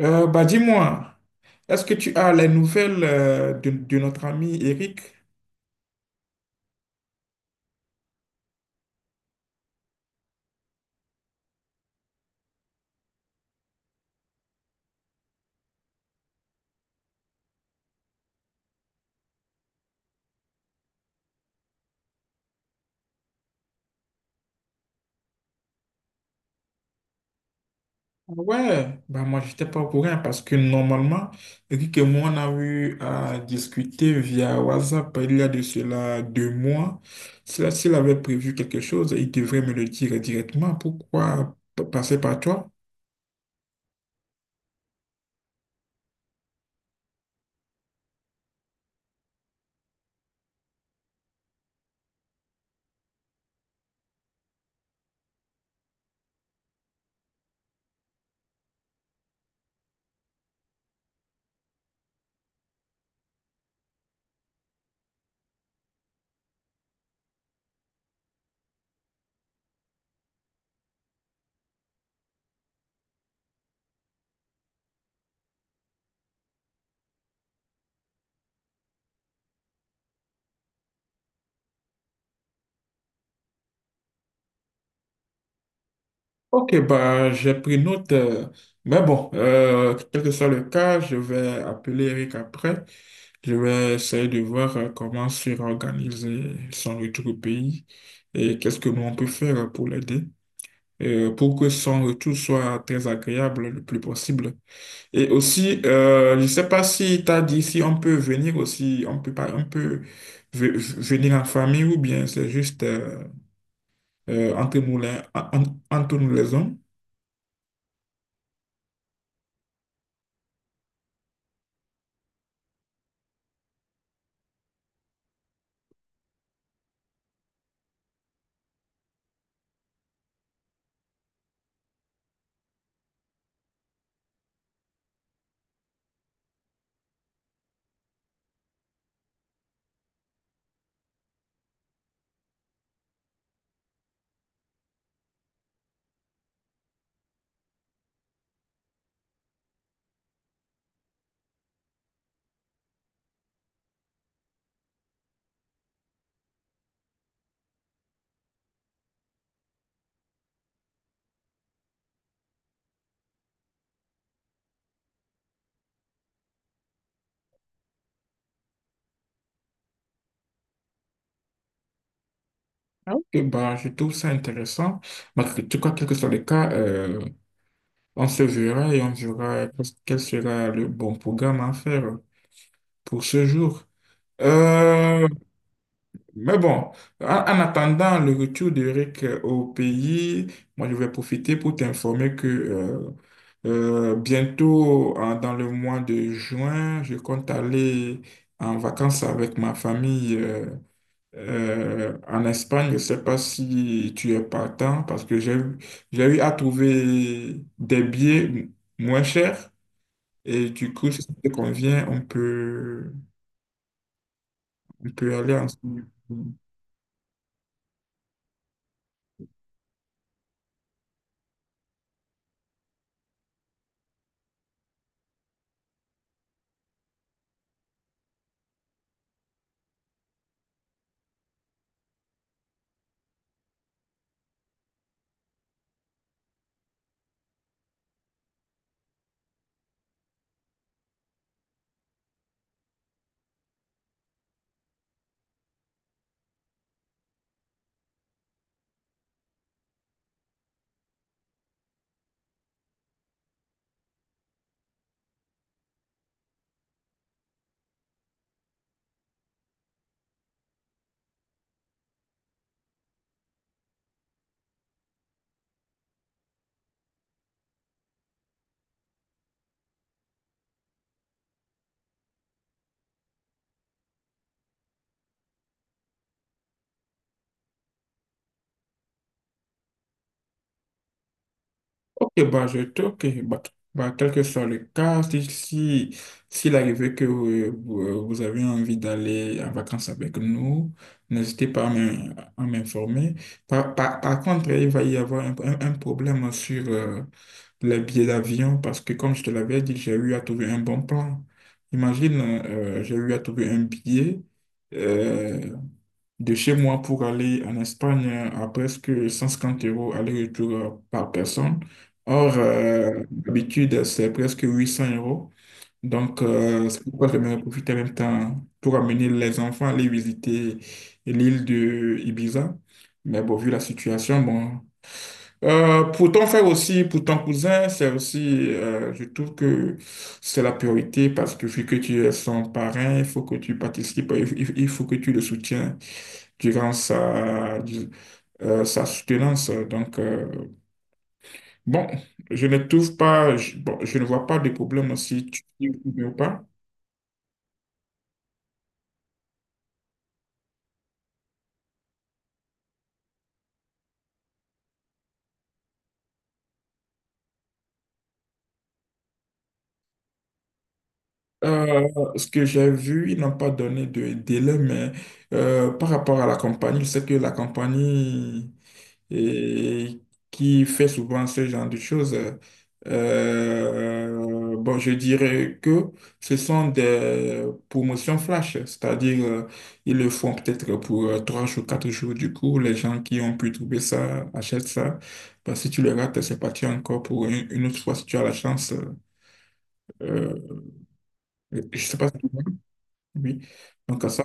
Bah dis-moi, est-ce que tu as les nouvelles de notre ami Eric? Ah, ouais, bah moi j'étais pas au courant parce que normalement, Eric et moi on a eu à discuter via WhatsApp il y a de cela 2 mois. S'il avait prévu quelque chose, il devrait me le dire directement. Pourquoi passer par toi? Ok, bah j'ai pris note. Mais bon, quel que soit le cas, je vais appeler Eric après. Je vais essayer de voir comment se réorganiser son retour au pays et qu'est-ce que nous on peut faire pour l'aider, pour que son retour soit très agréable le plus possible. Et aussi, je ne sais pas si tu as dit si on peut venir aussi, on peut pas, on peut ve- venir en famille ou bien c'est juste entre moulins, entre nous les hommes. Et bah, je trouve ça intéressant. Mais tu crois, quel que soit le cas, on se verra et on verra quel sera le bon programme à faire pour ce jour. Euh, mais bon, en attendant le retour d'Eric, au pays, moi je vais profiter pour t'informer que bientôt, dans le mois de juin, je compte aller en vacances avec ma famille, en Espagne. Je ne sais pas si tu es partant parce que j'ai eu à trouver des billets moins chers et du coup, si ça te convient, on peut aller ensemble. Et bah, je trouve que, bah, bah, quel que soit le cas, si, si, s'il arrivait que vous, vous avez envie d'aller en vacances avec nous, n'hésitez pas à à m'informer. Par contre, il va y avoir un problème sur les billets d'avion parce que, comme je te l'avais dit, j'ai eu à trouver un bon plan. Imagine, j'ai eu à trouver un billet, euh, de chez moi pour aller en Espagne à presque 150 € aller-retour, par personne. Or, d'habitude, c'est presque 800 euros. Donc, c'est pourquoi je j'aimerais profiter en même temps pour amener les enfants à aller visiter l'île de Ibiza. Mais bon, vu la situation, bon. Pour ton frère aussi, pour ton cousin, c'est aussi, je trouve que c'est la priorité parce que vu que tu es son parrain, il faut que tu participes, il faut que tu le soutiens durant sa, sa soutenance. Donc, bon, je ne trouve pas, je, bon, je ne vois pas de problème si tu dis oui ou pas. Euh, Ce que j'ai vu, ils n'ont pas donné de délai, mais par rapport à la compagnie, je sais que la compagnie et qui fait souvent ce genre de choses. Bon, je dirais que ce sont des promotions flash, c'est-à-dire ils le font peut-être pour 3 jours, 4 jours. Du coup, les gens qui ont pu trouver ça achètent ça. Bah, si tu le rates, c'est parti encore pour une autre fois si tu as la chance. Euh, je sais pas. Oui, donc ça.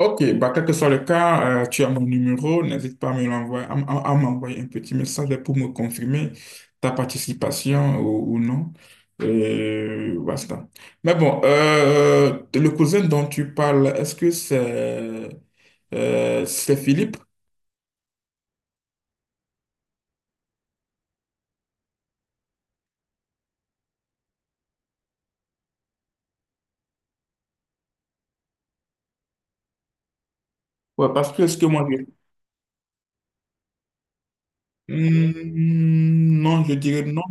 Ok, bah, quel que soit le cas, tu as mon numéro, n'hésite pas à me l'envoyer, à m'envoyer un petit message pour me confirmer ta participation ou non. Et basta. Mais bon, le cousin dont tu parles, est-ce que c'est Philippe? Ouais, parce que est-ce que moi je... Hmm, non, je dirais non.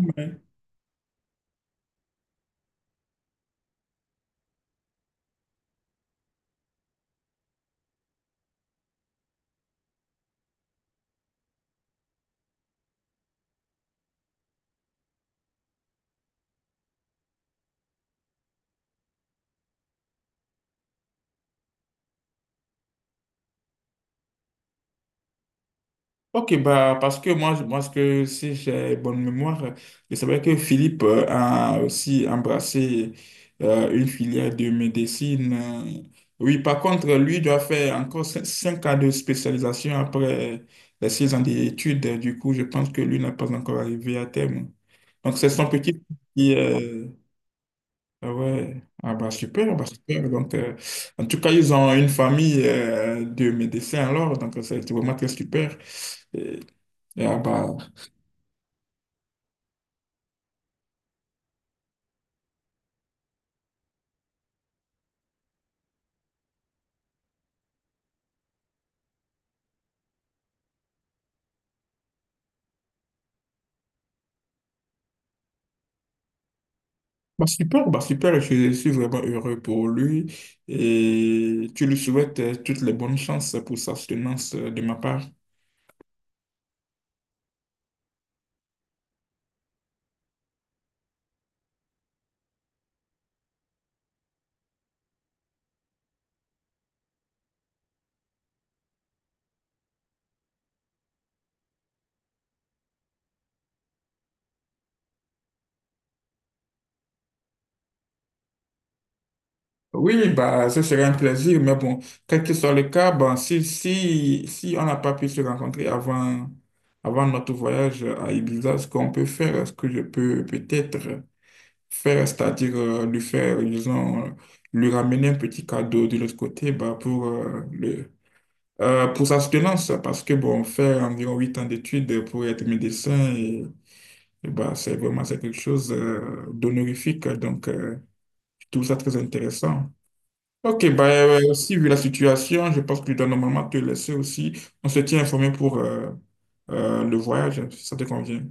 Ok, bah, parce que moi, moi, ce que si j'ai bonne mémoire, je savais que Philippe a aussi embrassé une filière de médecine. Oui, par contre, lui doit faire encore 5 ans de spécialisation après les 6 ans d'études. Du coup, je pense que lui n'est pas encore arrivé à terme. Donc, c'est son petit qui est... Ah ouais, ah bah super, bah super. Donc, en tout cas, ils ont une famille, de médecins alors, donc c'est vraiment très super. Ah, bah, bah, super, je suis vraiment heureux pour lui et tu lui souhaites toutes les bonnes chances pour sa soutenance, de ma part. Oui, oui, bah, ce serait un plaisir, mais bon, quel que soit le cas, bah, si on n'a pas pu se rencontrer avant, avant notre voyage à Ibiza, ce qu'on peut faire, ce que je peux peut-être faire, c'est-à-dire lui faire, disons, lui ramener un petit cadeau de l'autre côté bah, pour le pour sa soutenance, parce que bon, faire environ 8 ans d'études pour être médecin, et bah, c'est vraiment c'est quelque chose, d'honorifique. Donc, je trouve ça très intéressant. Ok, bah, aussi, vu la situation, je pense que je dois normalement te laisser aussi. On se tient informé pour le voyage, si ça te convient.